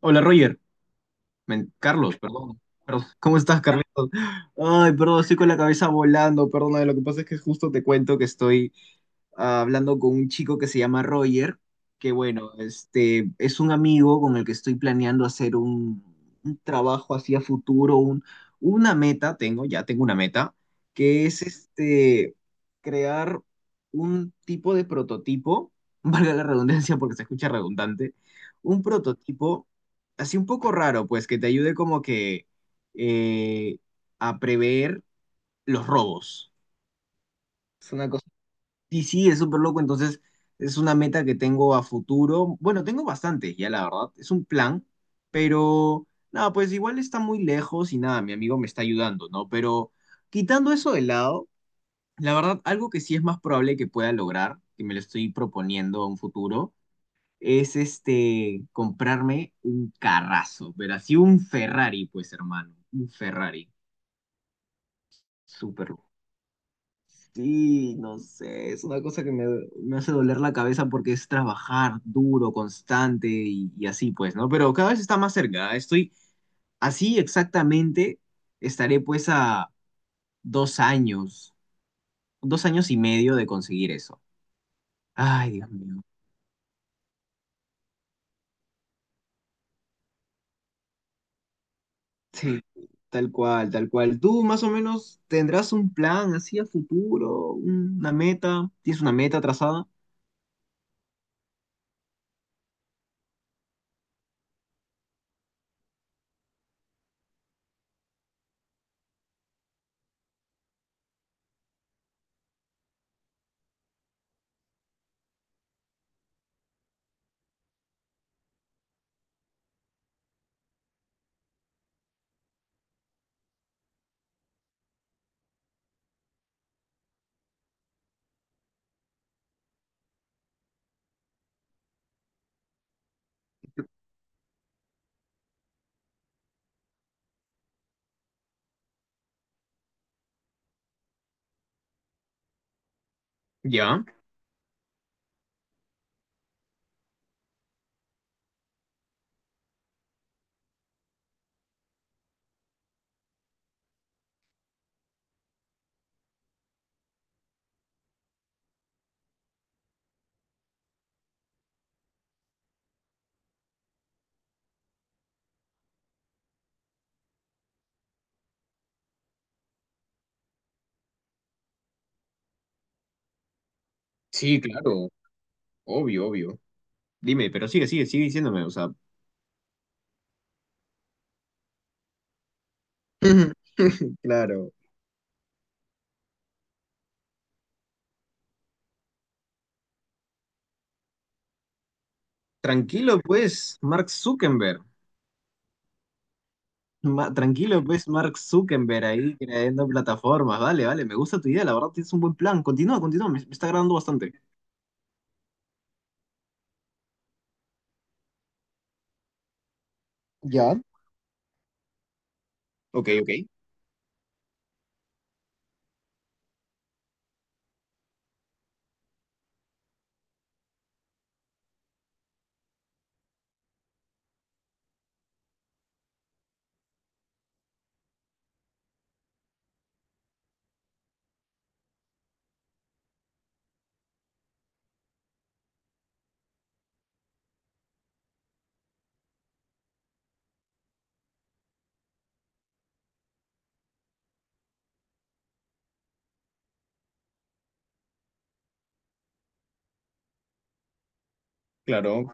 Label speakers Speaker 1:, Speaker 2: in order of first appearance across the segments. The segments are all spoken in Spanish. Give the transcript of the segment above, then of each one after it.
Speaker 1: Hola Roger, Carlos, perdón. Perdón. ¿Cómo estás, Carlitos? Ay, perdón, estoy con la cabeza volando, perdona, lo que pasa es que justo te cuento que estoy hablando con un chico que se llama Roger, que bueno, este es un amigo con el que estoy planeando hacer un trabajo hacia futuro, una meta, ya tengo una meta, que es este crear un tipo de prototipo, valga la redundancia porque se escucha redundante, un prototipo así un poco raro, pues que te ayude como que eh, a prever los robos. Es una cosa y sí, es súper loco, entonces es una meta que tengo a futuro. Bueno, tengo bastantes ya, la verdad, es un plan, pero nada, pues igual está muy lejos y nada, mi amigo me está ayudando, ¿no? Pero quitando eso de lado, la verdad, algo que sí es más probable que pueda lograr, que me lo estoy proponiendo a un futuro, es este, comprarme un carrazo, pero así un Ferrari, pues hermano, un Ferrari, súper. Sí, no sé, es una cosa que me hace doler la cabeza porque es trabajar duro, constante y así pues, ¿no? Pero cada vez está más cerca, estoy así exactamente, estaré pues a dos años, dos años y medio de conseguir eso. Ay, Dios mío. Sí, tal cual, tal cual. ¿Tú más o menos tendrás un plan así a futuro, una meta? ¿Tienes una meta trazada? Ya, sí, claro, obvio, obvio. Dime, pero sigue, sigue, sigue diciéndome, o sea. Claro. Tranquilo, pues, Mark Zuckerberg. Tranquilo, pues, Mark Zuckerberg ahí creando plataformas. Vale, vale, me gusta tu idea, la verdad tienes un buen plan. Continúa, continúa, me está agradando bastante. Ya, ok, ok, claro.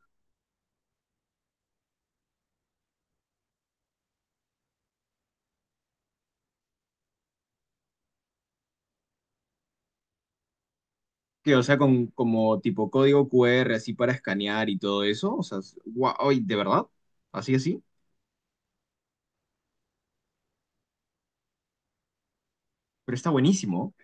Speaker 1: Que, o sea, con como tipo código QR así para escanear y todo eso. O sea, guau, ay, ¿de verdad? Así, así. Pero está buenísimo.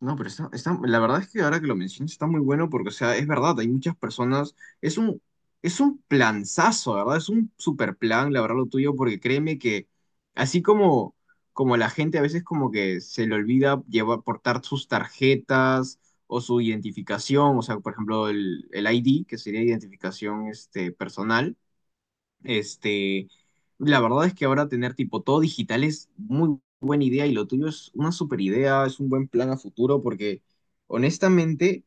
Speaker 1: No, pero está, está, la verdad es que ahora que lo mencionas está muy bueno porque, o sea, es verdad, hay muchas personas, es un planzazo, ¿verdad? Es un super plan, la verdad, lo tuyo, porque créeme que así como, como la gente a veces como que se le olvida llevar, portar sus tarjetas o su identificación, o sea, por ejemplo, el ID, que sería identificación este, personal, este, la verdad es que ahora tener tipo todo digital es muy buena idea y lo tuyo es una super idea, es un buen plan a futuro porque honestamente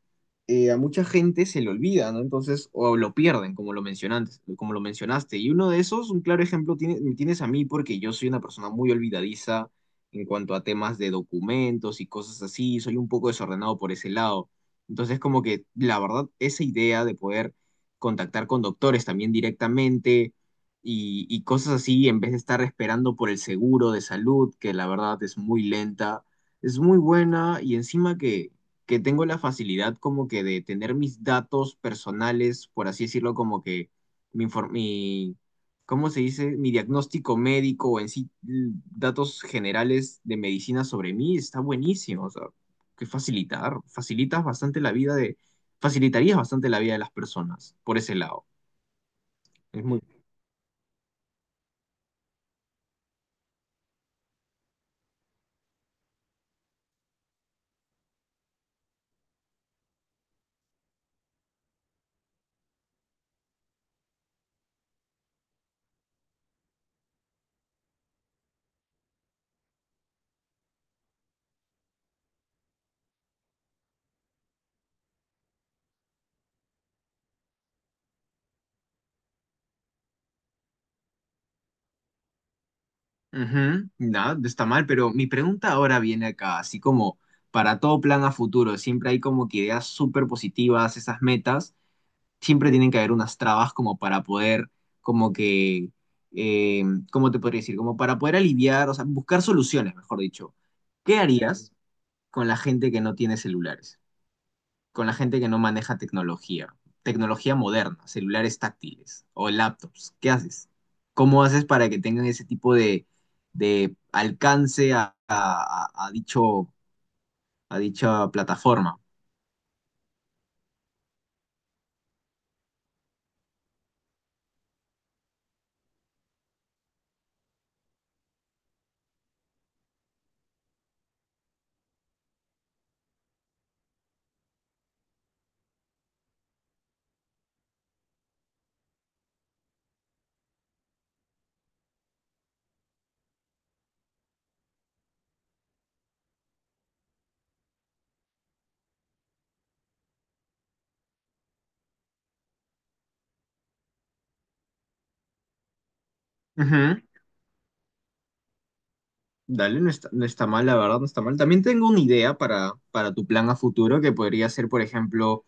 Speaker 1: a mucha gente se le olvida, ¿no? Entonces, o lo pierden, como lo mencionaste, como lo mencionaste. Y uno de esos, un claro ejemplo, me tienes a mí porque yo soy una persona muy olvidadiza en cuanto a temas de documentos y cosas así, soy un poco desordenado por ese lado. Entonces, como que la verdad, esa idea de poder contactar con doctores también directamente y cosas así, en vez de estar esperando por el seguro de salud, que la verdad es muy lenta, es muy buena y encima que tengo la facilidad como que de tener mis datos personales, por así decirlo, como que mi ¿cómo se dice? Mi diagnóstico médico o en sí datos generales de medicina sobre mí está buenísimo, o sea, que facilitar, facilitas bastante la vida de, facilitarías bastante la vida de las personas por ese lado. Es muy ujú, nada, no está mal, pero mi pregunta ahora viene acá, así como para todo plan a futuro, siempre hay como que ideas súper positivas, esas metas, siempre tienen que haber unas trabas como para poder, como que, eh, ¿cómo te podría decir? Como para poder aliviar, o sea, buscar soluciones, mejor dicho. ¿Qué harías con la gente que no tiene celulares? Con la gente que no maneja tecnología, tecnología moderna, celulares táctiles o laptops. ¿Qué haces? ¿Cómo haces para que tengan ese tipo de alcance dicho, a dicha plataforma? Dale, no está, no está mal, la verdad, no está mal. También tengo una idea para tu plan a futuro que podría ser, por ejemplo,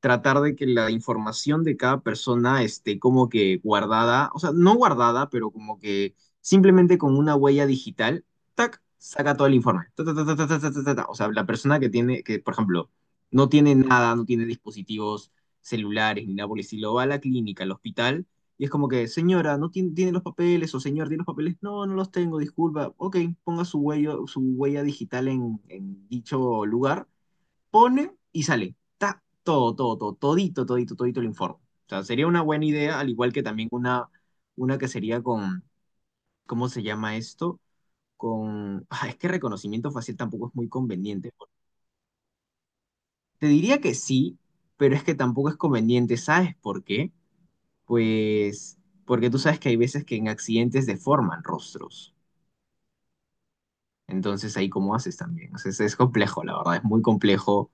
Speaker 1: tratar de que la información de cada persona esté como que guardada, o sea, no guardada, pero como que simplemente con una huella digital, tac, saca todo el informe. Ta, ta, ta, ta, ta, ta, ta, ta, ta, ta. O sea, la persona que tiene, que por ejemplo, no tiene nada, no tiene dispositivos celulares ni nada por el estilo, va a la clínica, al hospital y es como que, señora, ¿no tiene, tiene los papeles? O señor, ¿tiene los papeles? No, no los tengo, disculpa. Ok, ponga su huella digital en dicho lugar. Pone y sale. Ta, todo, todo, todo, todito, todito, todito el informe. O sea, sería una buena idea, al igual que también una que sería con, ¿cómo se llama esto? Con, ah, es que reconocimiento facial tampoco es muy conveniente. Te diría que sí, pero es que tampoco es conveniente. ¿Sabes por qué? Pues porque tú sabes que hay veces que en accidentes deforman rostros. Entonces ahí cómo haces también. O sea, es complejo, la verdad, es muy complejo.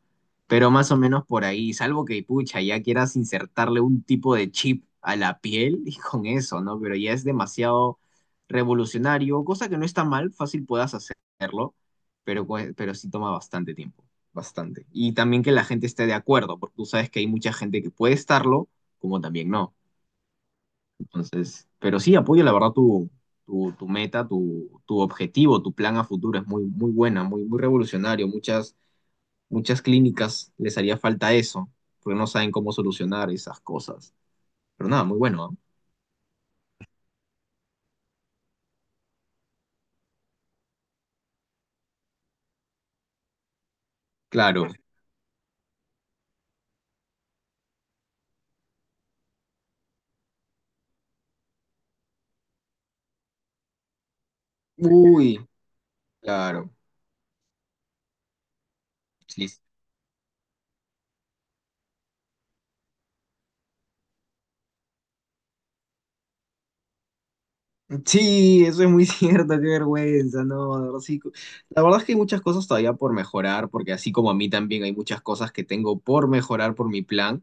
Speaker 1: Pero más o menos por ahí, salvo que, pucha, ya quieras insertarle un tipo de chip a la piel y con eso, ¿no? Pero ya es demasiado revolucionario, cosa que no está mal, fácil puedas hacerlo, pero, pero sí toma bastante tiempo, bastante. Y también que la gente esté de acuerdo, porque tú sabes que hay mucha gente que puede estarlo, como también no. Entonces, pero sí, apoyo la verdad tu meta, tu objetivo, tu plan a futuro. Es muy, muy buena, muy, muy revolucionario. Muchas, muchas clínicas les haría falta eso, porque no saben cómo solucionar esas cosas. Pero nada, muy bueno, ¿ah? Claro. Uy, claro. Sí. Sí, eso es muy cierto, qué vergüenza, no, de verdad, sí. La verdad es que hay muchas cosas todavía por mejorar, porque así como a mí también hay muchas cosas que tengo por mejorar por mi plan.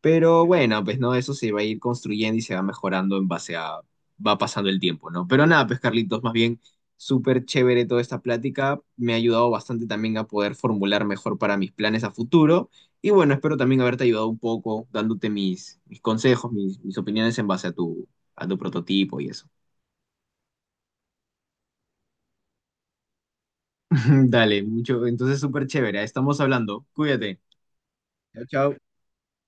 Speaker 1: Pero bueno, pues no, eso se va a ir construyendo y se va mejorando en base a, va pasando el tiempo, ¿no? Pero nada, pues Carlitos, más bien súper chévere toda esta plática, me ha ayudado bastante también a poder formular mejor para mis planes a futuro y bueno, espero también haberte ayudado un poco dándote mis consejos, mis opiniones en base a tu prototipo y eso. Dale, mucho, entonces súper chévere, estamos hablando, cuídate, chao, chao.